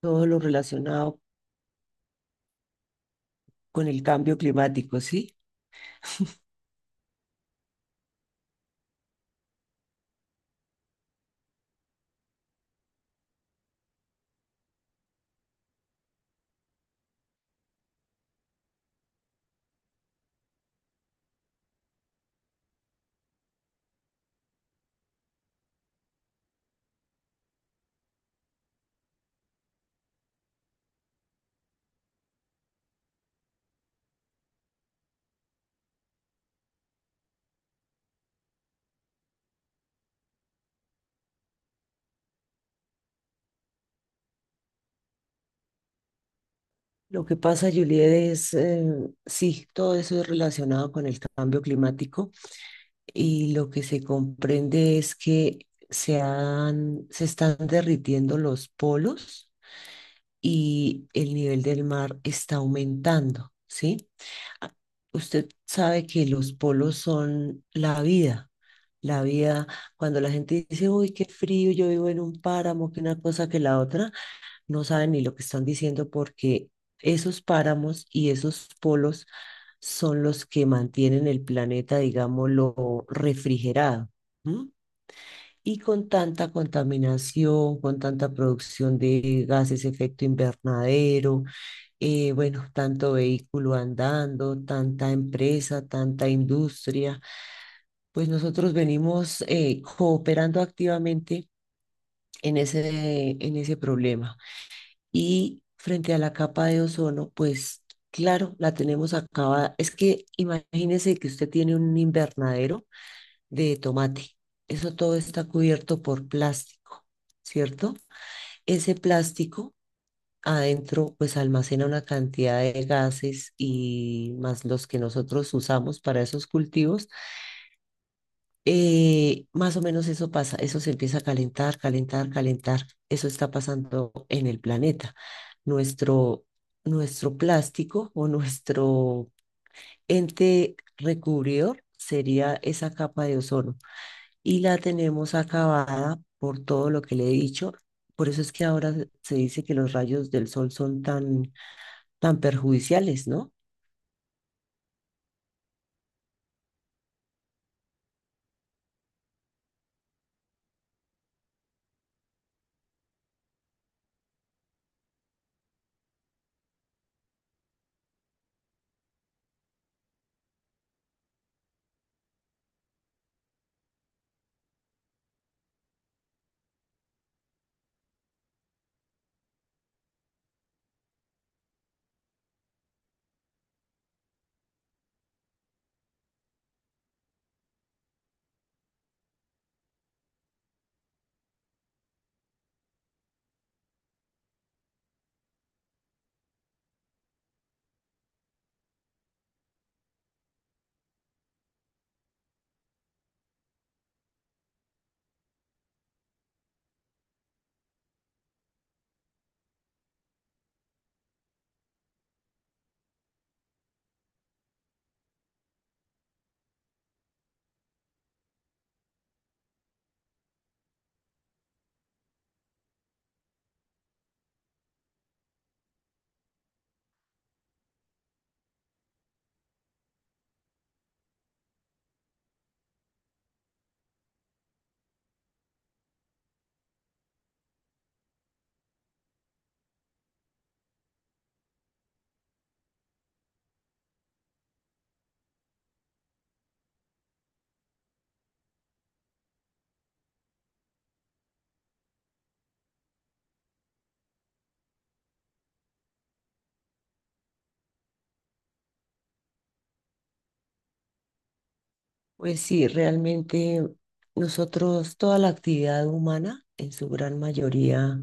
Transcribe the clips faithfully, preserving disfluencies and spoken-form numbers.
Todo lo relacionado con el cambio climático, ¿sí? Lo que pasa, Juliet, es, eh, sí, todo eso es relacionado con el cambio climático y lo que se comprende es que se han, se están derritiendo los polos y el nivel del mar está aumentando, ¿sí? Ah, usted sabe que los polos son la vida. La vida, cuando la gente dice, uy, qué frío, yo vivo en un páramo, que una cosa que la otra, no saben ni lo que están diciendo porque esos páramos y esos polos son los que mantienen el planeta, digámoslo, refrigerado. ¿M? Y con tanta contaminación, con tanta producción de gases efecto invernadero, eh, bueno, tanto vehículo andando, tanta empresa, tanta industria, pues nosotros venimos eh, cooperando activamente en ese, en ese problema. Y frente a la capa de ozono, pues claro, la tenemos acabada. Es que imagínese que usted tiene un invernadero de tomate. Eso todo está cubierto por plástico, ¿cierto? Ese plástico adentro pues almacena una cantidad de gases y más los que nosotros usamos para esos cultivos eh, más o menos eso pasa, eso se empieza a calentar, calentar, calentar. Eso está pasando en el planeta. Nuestro, Nuestro plástico o nuestro ente recubridor sería esa capa de ozono y la tenemos acabada por todo lo que le he dicho. Por eso es que ahora se se dice que los rayos del sol son tan, tan perjudiciales, ¿no? Pues sí, realmente nosotros, toda la actividad humana en su gran mayoría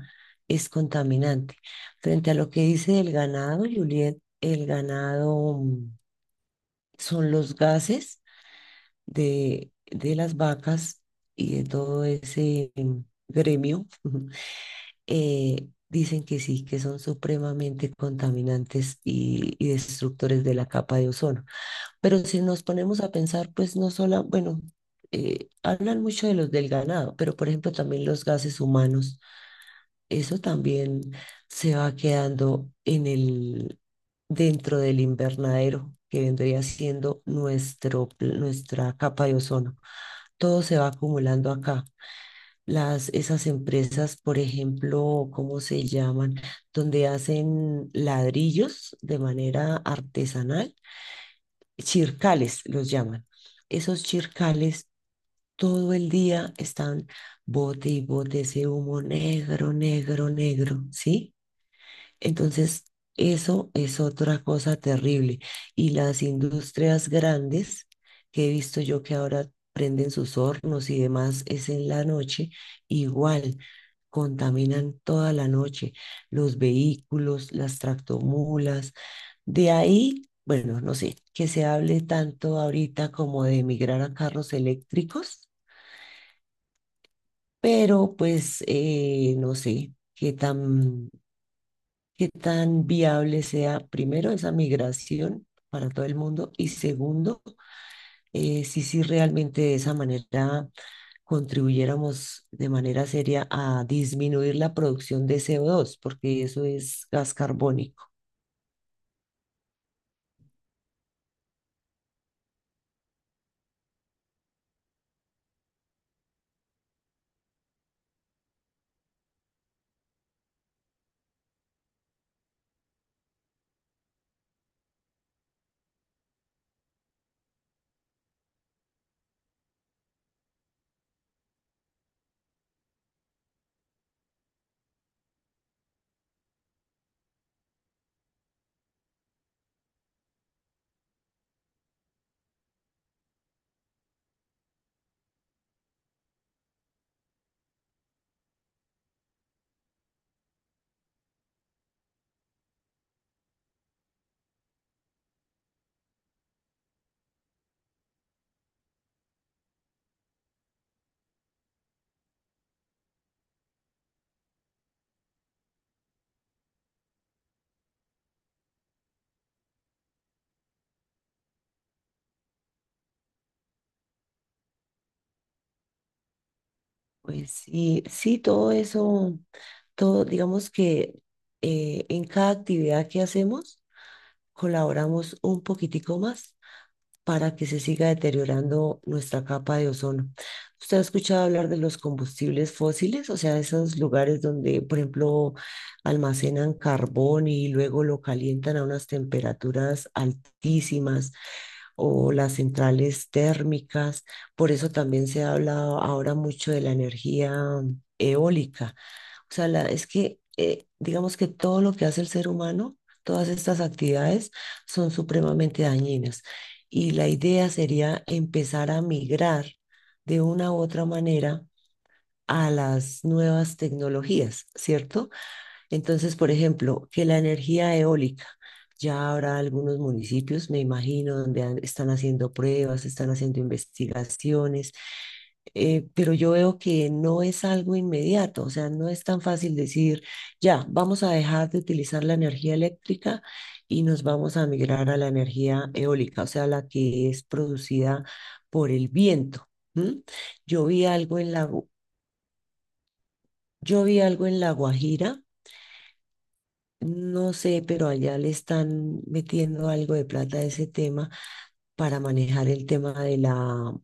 es contaminante. Frente a lo que dice el ganado, Juliet, el ganado mm, son los gases de, de las vacas y de todo ese mm, gremio. Eh, dicen que sí, que son supremamente contaminantes y y destructores de la capa de ozono. Pero si nos ponemos a pensar, pues no solo, bueno, eh, hablan mucho de los del ganado, pero por ejemplo también los gases humanos, eso también se va quedando en el, dentro del invernadero, que vendría siendo nuestro, pl- nuestra capa de ozono. Todo se va acumulando acá. Las, esas empresas, por ejemplo, ¿cómo se llaman? Donde hacen ladrillos de manera artesanal, chircales los llaman. Esos chircales todo el día están bote y bote ese humo negro, negro, negro, ¿sí? Entonces, eso es otra cosa terrible. Y las industrias grandes, que he visto yo que ahora prenden sus hornos y demás es en la noche, igual contaminan toda la noche los vehículos, las tractomulas, de ahí, bueno, no sé, que se hable tanto ahorita como de migrar a carros eléctricos, pero pues eh, no sé qué tan, qué tan viable sea primero esa migración para todo el mundo y segundo, eh, si sí realmente de esa manera contribuyéramos de manera seria a disminuir la producción de C O dos, porque eso es gas carbónico. Pues sí, sí, todo eso, todo, digamos que eh, en cada actividad que hacemos colaboramos un poquitico más para que se siga deteriorando nuestra capa de ozono. ¿Usted ha escuchado hablar de los combustibles fósiles? O sea, esos lugares donde, por ejemplo, almacenan carbón y luego lo calientan a unas temperaturas altísimas, o las centrales térmicas. Por eso también se habla ahora mucho de la energía eólica. O sea, la- es que eh, digamos que todo lo que hace el ser humano, todas estas actividades son supremamente dañinas. Y la idea sería empezar a migrar de una u otra manera a las nuevas tecnologías, ¿cierto? Entonces, por ejemplo, que la energía eólica, ya habrá algunos municipios, me imagino, donde han- están haciendo pruebas, están haciendo investigaciones, eh, pero yo veo que no es algo inmediato, o sea, no es tan fácil decir, ya, vamos a dejar de utilizar la energía eléctrica y nos vamos a migrar a la energía eólica, o sea, la que es producida por el viento. ¿M? Yo vi algo en la, Gu- yo vi algo en La Guajira. No sé, pero allá le están metiendo algo de plata a ese tema para manejar el tema de la,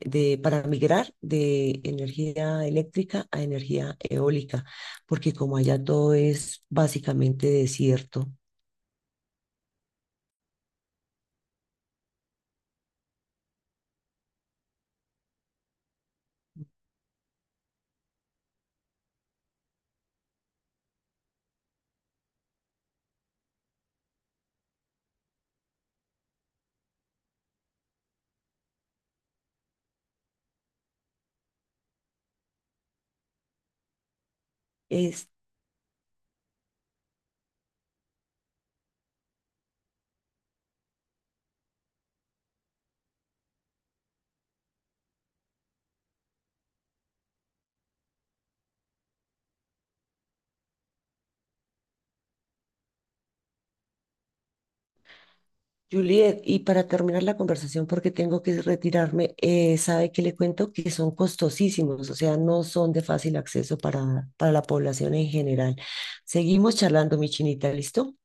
de, para migrar de energía eléctrica a energía eólica, porque como allá todo es básicamente desierto. Es, Juliet, y para terminar la conversación, porque tengo que retirarme, eh, sabe que le cuento que son costosísimos, o sea, no son de fácil acceso para, para la población en general. Seguimos charlando, mi chinita, ¿listo?